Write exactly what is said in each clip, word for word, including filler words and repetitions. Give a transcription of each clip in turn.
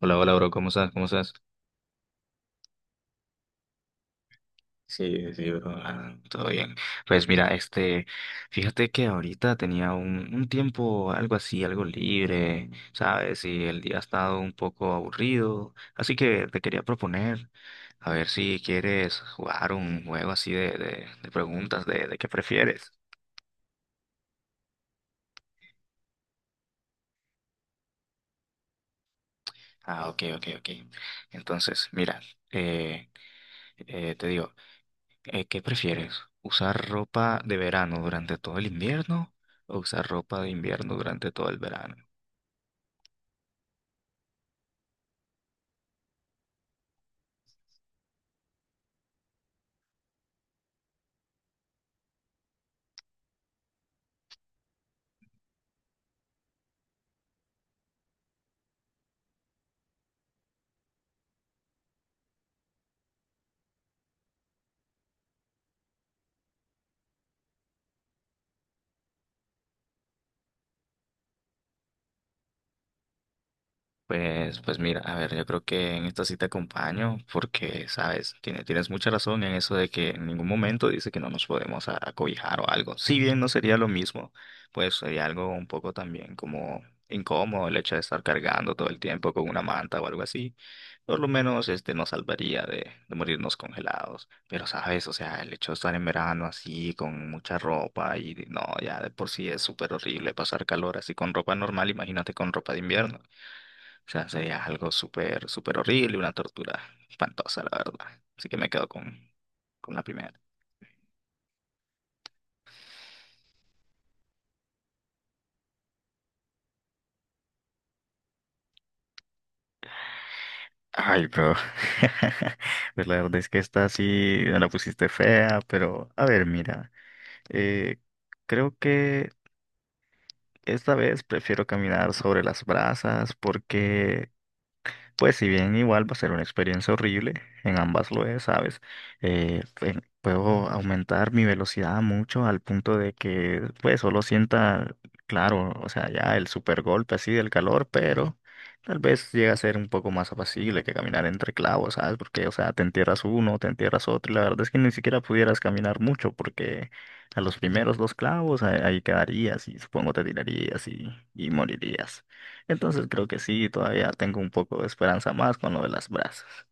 Hola, hola, bro, ¿cómo estás? ¿Cómo estás? Sí, sí, bro, ah, todo bien. Pues mira, este, fíjate que ahorita tenía un, un tiempo, algo así, algo libre, ¿sabes? Y el día ha estado un poco aburrido, así que te quería proponer, a ver si quieres jugar un juego así de, de, de preguntas de, de qué prefieres. Ah, ok, ok, ok. Entonces, mira, eh, eh, te digo. Eh, ¿qué prefieres? ¿Usar ropa de verano durante todo el invierno o usar ropa de invierno durante todo el verano? Pues, pues mira, a ver, yo creo que en esta sí te acompaño porque, sabes, tienes, tienes mucha razón en eso de que en ningún momento dice que no nos podemos a- acobijar o algo. Si bien no sería lo mismo, pues sería algo un poco también como incómodo el hecho de estar cargando todo el tiempo con una manta o algo así. Por lo menos este nos salvaría de, de morirnos congelados. Pero, sabes, o sea, el hecho de estar en verano así con mucha ropa y no, ya de por sí es súper horrible pasar calor así con ropa normal, imagínate con ropa de invierno. O sea, sería algo súper, súper horrible, una tortura espantosa, la verdad. Así que me quedo con, con la primera. Ay, bro. Pues la verdad es que esta sí me la pusiste fea, pero a ver, mira. eh, Creo que esta vez prefiero caminar sobre las brasas porque, pues si bien igual va a ser una experiencia horrible, en ambas lo es, ¿sabes? Eh, en- puedo aumentar mi velocidad mucho al punto de que pues solo sienta, claro, o sea, ya el super golpe así del calor, pero tal vez llega a ser un poco más apacible que caminar entre clavos, ¿sabes? Porque, o sea, te entierras uno, te entierras otro, y la verdad es que ni siquiera pudieras caminar mucho porque a los primeros dos clavos ahí, ahí quedarías y supongo te tirarías y, y morirías. Entonces creo que sí, todavía tengo un poco de esperanza más con lo de las brasas.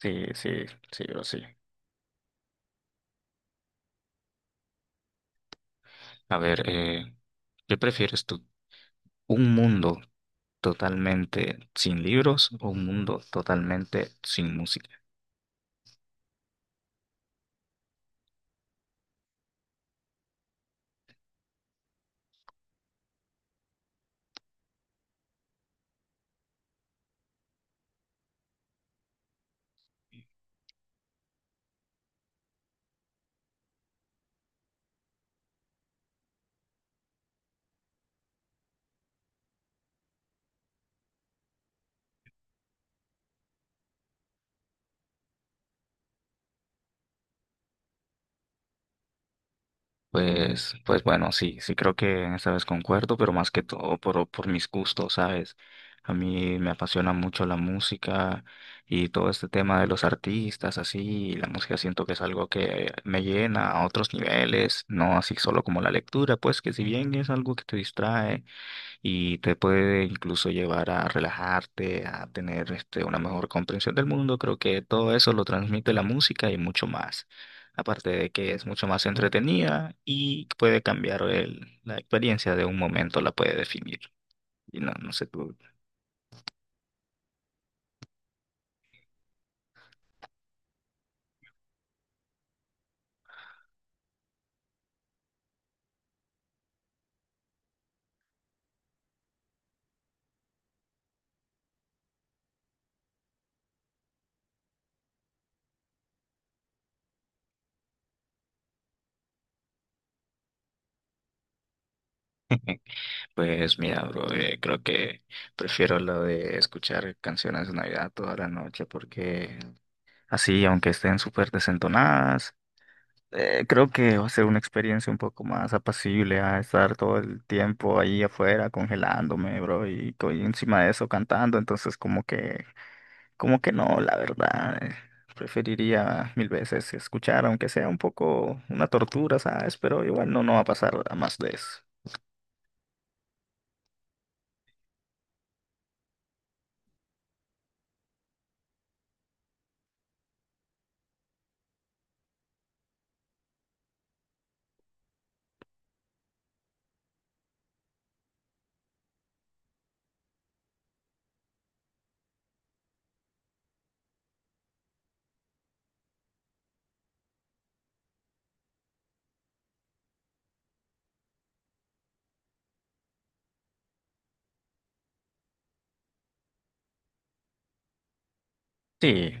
Sí, sí, sí, bro, sí. A ver, eh, ¿qué prefieres tú? ¿Un mundo totalmente sin libros o un mundo totalmente sin música? Pues, pues bueno, sí, sí creo que en esta vez concuerdo, pero más que todo por, por mis gustos, ¿sabes? A mí me apasiona mucho la música y todo este tema de los artistas, así, y la música siento que es algo que me llena a otros niveles, no así solo como la lectura, pues que si bien es algo que te distrae y te puede incluso llevar a relajarte, a tener este, una mejor comprensión del mundo. Creo que todo eso lo transmite la música y mucho más. Aparte de que es mucho más entretenida y puede cambiar el- la experiencia de un momento, la puede definir. Y no, no sé tú. Pues mira, bro, eh, creo que prefiero lo de escuchar canciones de Navidad toda la noche porque así, aunque estén súper desentonadas, Eh, creo que va a ser una experiencia un poco más apacible a estar todo el tiempo ahí afuera congelándome, bro, y, co- y encima de eso cantando, entonces como que, como que no, la verdad, eh, preferiría mil veces escuchar, aunque sea un poco una tortura, ¿sabes? Pero igual no, no va a pasar a más de eso. Sí,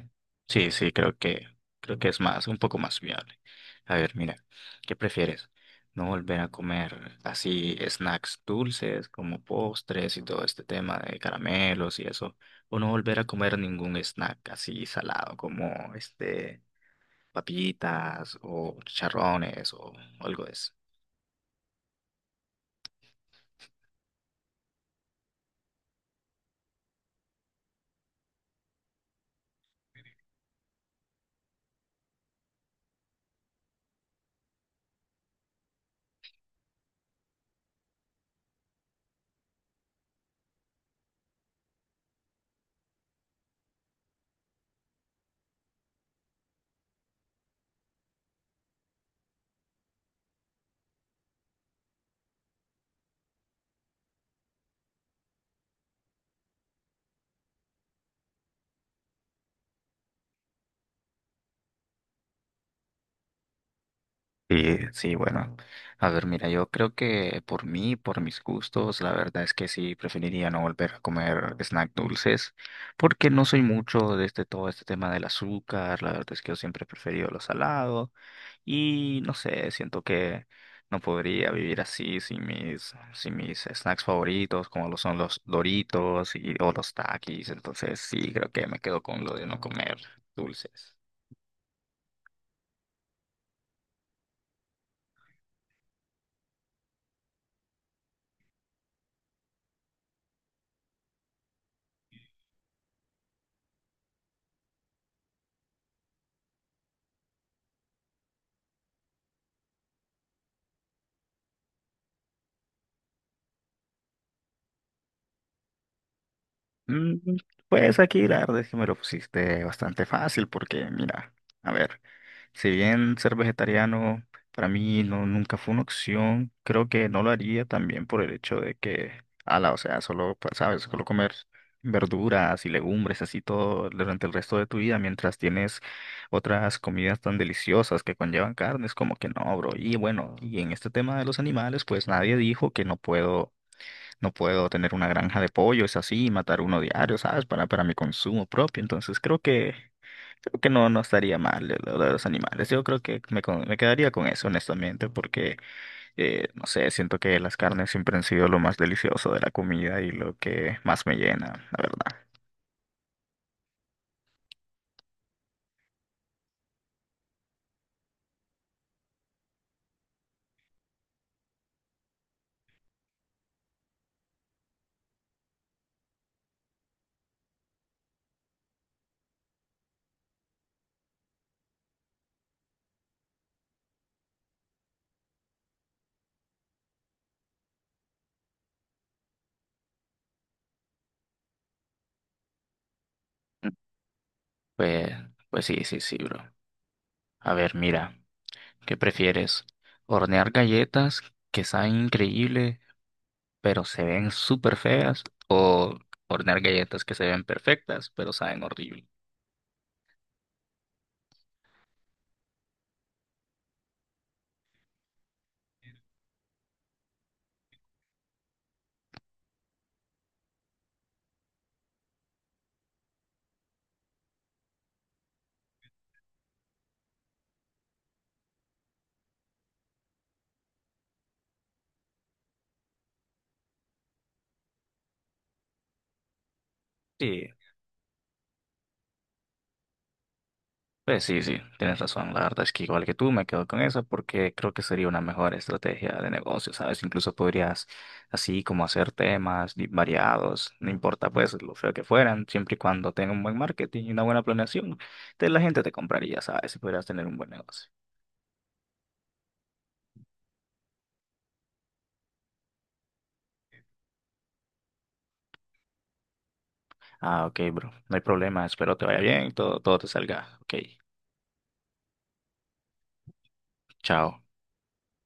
sí, sí, creo que, creo que es más, un poco más viable. A ver, mira, ¿qué prefieres? ¿No volver a comer así snacks dulces como postres y todo este tema de caramelos y eso? ¿O no volver a comer ningún snack así salado como este papitas o chicharrones o algo de eso? Sí, sí, bueno. A ver, mira, yo creo que por mí, por mis gustos, la verdad es que sí preferiría no volver a comer snack dulces, porque no soy mucho de este todo este tema del azúcar, la verdad es que yo siempre he preferido lo salado y no sé, siento que no podría vivir así sin mis sin mis snacks favoritos, como lo son los Doritos y o los Takis, entonces sí, creo que me quedo con lo de no comer dulces. Mm, pues aquí la verdad es que me lo pusiste bastante fácil porque mira, a ver, si bien ser vegetariano para mí no nunca fue una opción, creo que no lo haría también por el hecho de que, ala, o sea, solo, pues, sabes, solo comer verduras y legumbres así todo durante el resto de tu vida mientras tienes otras comidas tan deliciosas que conllevan carnes, como que no, bro. Y bueno, y en este tema de los animales, pues nadie dijo que no puedo no puedo tener una granja de pollos así y matar uno diario, ¿sabes? Para, para mi consumo propio. Entonces creo que, creo que no, no estaría mal lo, lo de los animales. Yo creo que me, con- me quedaría con eso, honestamente, porque, eh, no sé, siento que las carnes siempre han sido lo más delicioso de la comida y lo que más me llena, la verdad. Pues, pues sí, sí, sí, bro. A ver, mira, ¿qué prefieres? ¿Hornear galletas que saben increíble pero se ven súper feas, o hornear galletas que se ven perfectas, pero saben horrible? Sí, pues sí, sí, tienes razón. La verdad es que igual que tú me quedo con esa porque creo que sería una mejor estrategia de negocio, ¿sabes? Incluso podrías así como hacer temas di- variados, no importa pues lo feo que fueran, siempre y cuando tenga un buen marketing y una buena planeación, te- la gente te compraría, ¿sabes? Y podrías tener un buen negocio. Ah, ok, bro, no hay problema, espero te vaya bien, todo, todo te salga. Ok, chao.